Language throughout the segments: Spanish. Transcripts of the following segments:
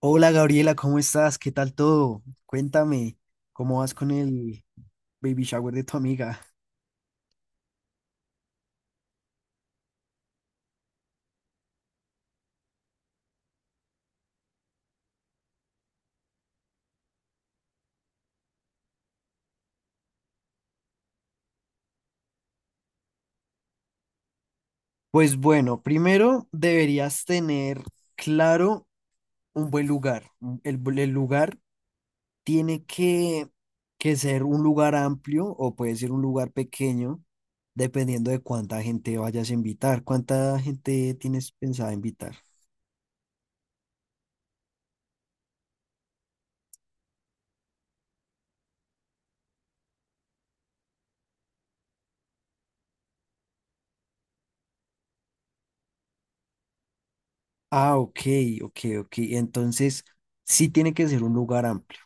Hola Gabriela, ¿cómo estás? ¿Qué tal todo? Cuéntame, ¿cómo vas con el baby shower de tu amiga? Pues bueno, primero deberías tener claro un buen lugar. El lugar tiene que ser un lugar amplio o puede ser un lugar pequeño, dependiendo de cuánta gente vayas a invitar. ¿Cuánta gente tienes pensada invitar? Ah, ok, ok, ok. Entonces, sí tiene que ser un lugar amplio.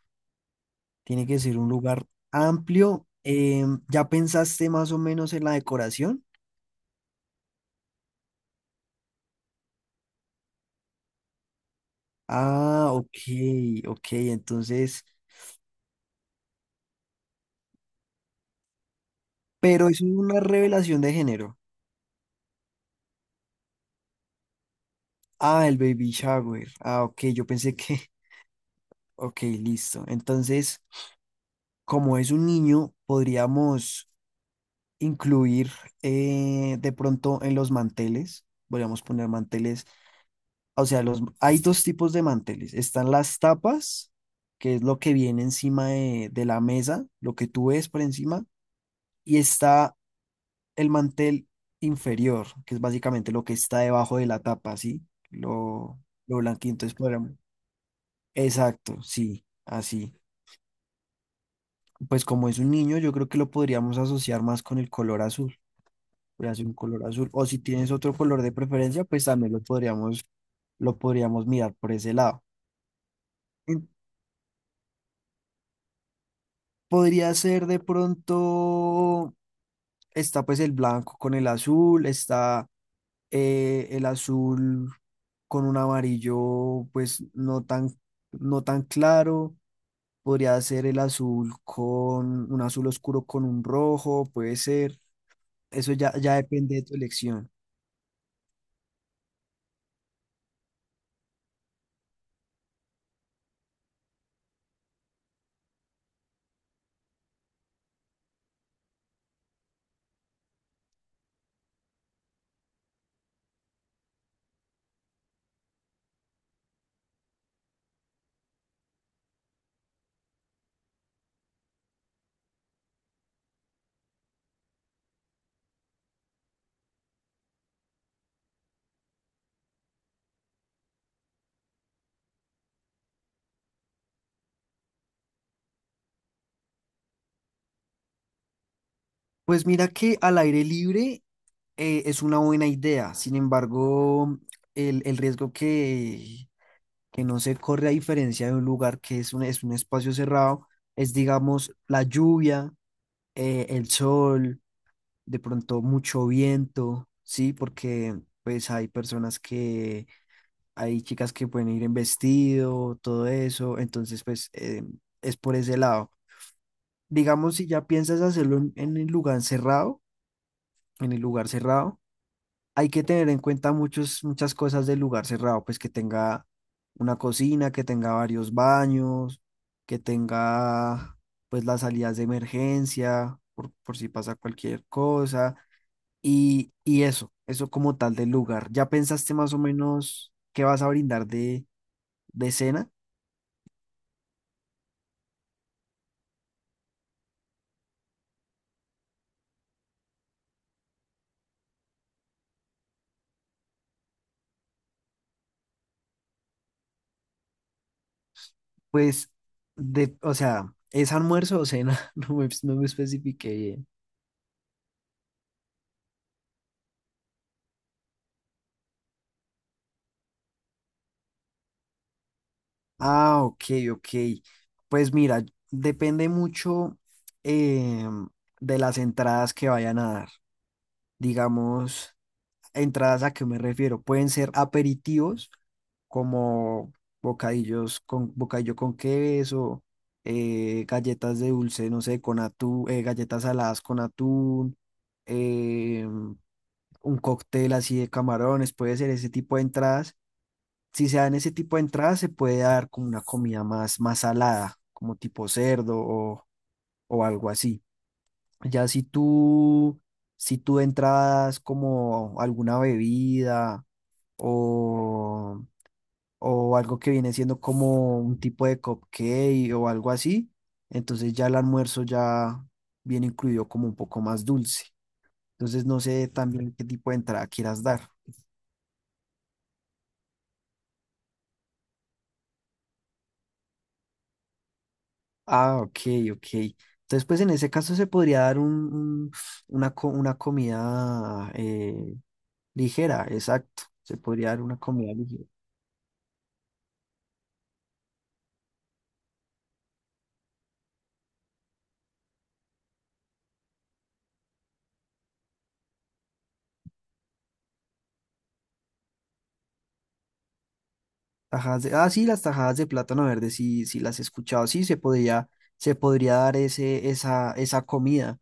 Tiene que ser un lugar amplio. ¿Ya pensaste más o menos en la decoración? Ah, ok, ok, entonces, pero es una revelación de género. Ah, el baby shower. Ah, ok, yo pensé que, ok, listo. Entonces, como es un niño, podríamos incluir de pronto en los manteles, podríamos poner manteles. O sea, hay dos tipos de manteles. Están las tapas, que es lo que viene encima de la mesa, lo que tú ves por encima, y está el mantel inferior, que es básicamente lo que está debajo de la tapa, ¿sí? Lo, lo blanquito. Entonces, exacto, sí, así. Pues como es un niño, yo creo que lo podríamos asociar más con el color azul. Podría ser un color azul. O si tienes otro color de preferencia, pues también lo podríamos mirar por ese lado. Podría ser de pronto, está pues el blanco con el azul, está el azul con un amarillo pues no tan claro, podría ser el azul con un azul oscuro con un rojo, puede ser, ya depende de tu elección. Pues mira que al aire libre es una buena idea. Sin embargo, el riesgo que no se corre a diferencia de un lugar que es es un espacio cerrado, es digamos la lluvia, el sol, de pronto mucho viento, ¿sí? Porque pues hay hay chicas que pueden ir en vestido, todo eso, entonces pues es por ese lado. Digamos, si ya piensas hacerlo en el lugar cerrado, en el lugar cerrado, hay que tener en cuenta muchas cosas del lugar cerrado, pues que tenga una cocina, que tenga varios baños, que tenga pues las salidas de emergencia, por si pasa cualquier cosa, y eso como tal del lugar. ¿Ya pensaste más o menos qué vas a brindar de cena? Pues, o sea, ¿es almuerzo o cena? No me especifiqué bien. Ah, ok, ok. Pues mira, depende mucho em, de las entradas que vayan a dar. Digamos, entradas a qué me refiero. Pueden ser aperitivos como bocadillos con bocadillo con queso, galletas de dulce, no sé, con atún, galletas saladas con atún, em, un cóctel así de camarones, puede ser ese tipo de entradas. Si se dan ese tipo de entradas, se puede dar como una comida más salada, como tipo cerdo o algo así. Ya si tú, si tú de entrada como alguna bebida o, o algo que viene siendo como un tipo de cupcake o algo así, entonces ya el almuerzo ya viene incluido como un poco más dulce. Entonces no sé también qué tipo de entrada quieras dar. Ah, ok, ok. Entonces, pues en ese caso se podría dar un- una comida ligera, exacto. Se podría dar una comida ligera. Tajadas de, ah, sí, las tajadas de plátano verde, sí, sí las he escuchado. Sí, se podría dar esa comida.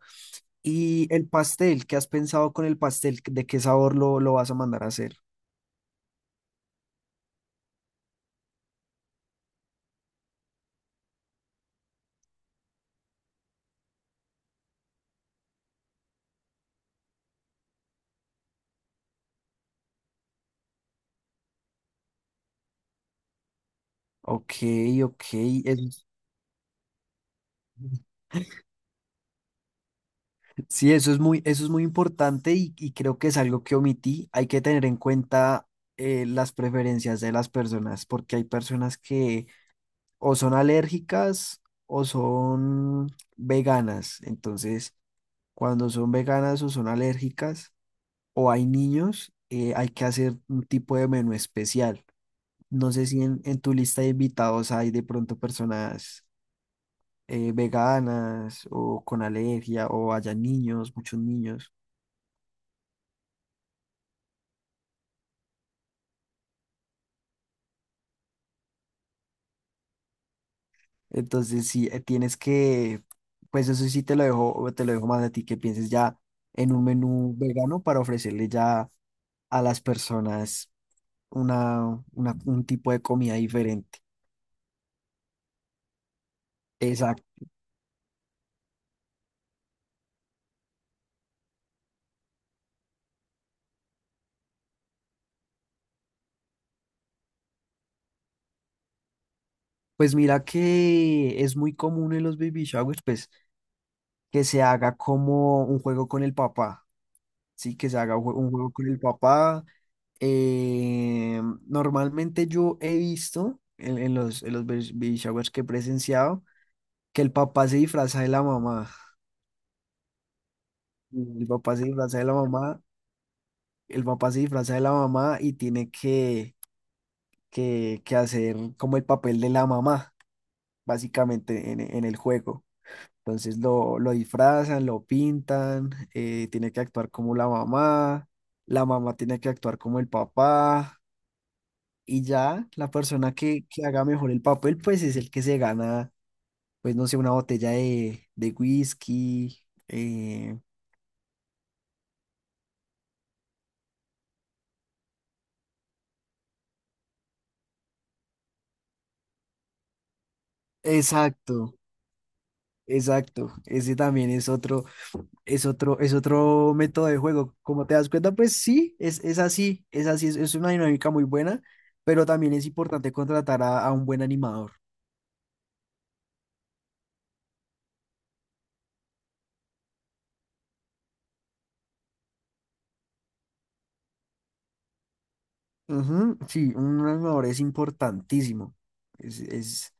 Y el pastel, ¿qué has pensado con el pastel? ¿De qué sabor lo vas a mandar a hacer? Ok, ok. es- Sí, eso es muy importante y creo que es algo que omití. Hay que tener en cuenta las preferencias de las personas, porque hay personas que o son alérgicas o son veganas. Entonces, cuando son veganas o son alérgicas o hay niños, hay que hacer un tipo de menú especial. No sé si en tu lista de invitados hay de pronto personas veganas o con alergia o haya niños, muchos niños. Entonces, sí, tienes que, pues eso sí te lo dejo más a ti, que pienses ya en un menú vegano para ofrecerle ya a las personas un tipo de comida diferente. Exacto. Pues mira que es muy común en los baby showers, pues que se haga como un juego con el papá, sí, que se haga un juego con el papá. Eh, normalmente yo he visto en los baby showers que he presenciado, que el papá se disfraza de la mamá. El papá se disfraza de la mamá, el papá se disfraza de la mamá y que hacer como el papel de la mamá, básicamente, en el juego. Entonces lo disfrazan, lo pintan, tiene que actuar como la mamá tiene que actuar como el papá y ya la que haga mejor el papel, pues es el que se gana, pues no sé, una botella de whisky. Exacto. Exacto, ese también es otro, es otro método de juego. Como te das cuenta, pues sí, es así, es así, es una dinámica muy buena, pero también es importante contratar a un buen animador. Ujú, sí, un animador es importantísimo. Es, es,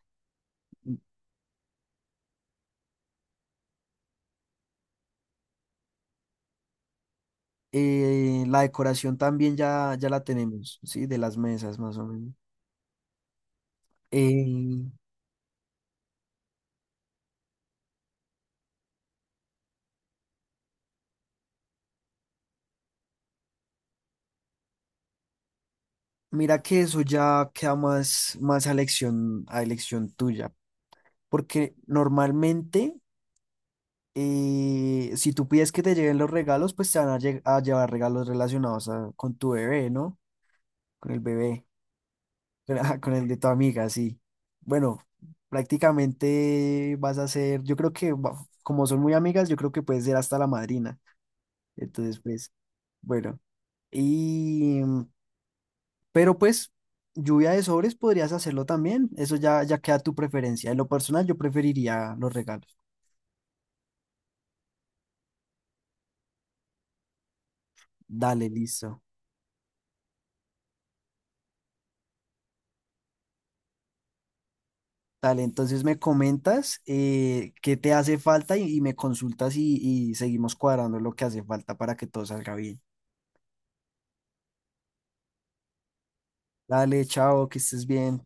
la decoración también ya, ya la tenemos, sí, de las mesas más o menos. Eh, mira que eso ya queda más a elección tuya, porque normalmente. Y si tú pides que te lleguen los regalos, pues te van a, a llevar regalos relacionados a- con tu bebé, ¿no? Con el bebé, con, con el de tu amiga, sí. Bueno, prácticamente vas a ser, yo creo que como son muy amigas, yo creo que puedes ser hasta la madrina. Entonces, pues, bueno. Y, mm, pero pues, lluvia de sobres podrías hacerlo también. Eso ya, ya queda a tu preferencia. En lo personal, yo preferiría los regalos. Dale, listo. Dale, entonces me comentas qué te hace falta y me consultas y seguimos cuadrando lo que hace falta para que todo salga bien. Dale, chao, que estés bien.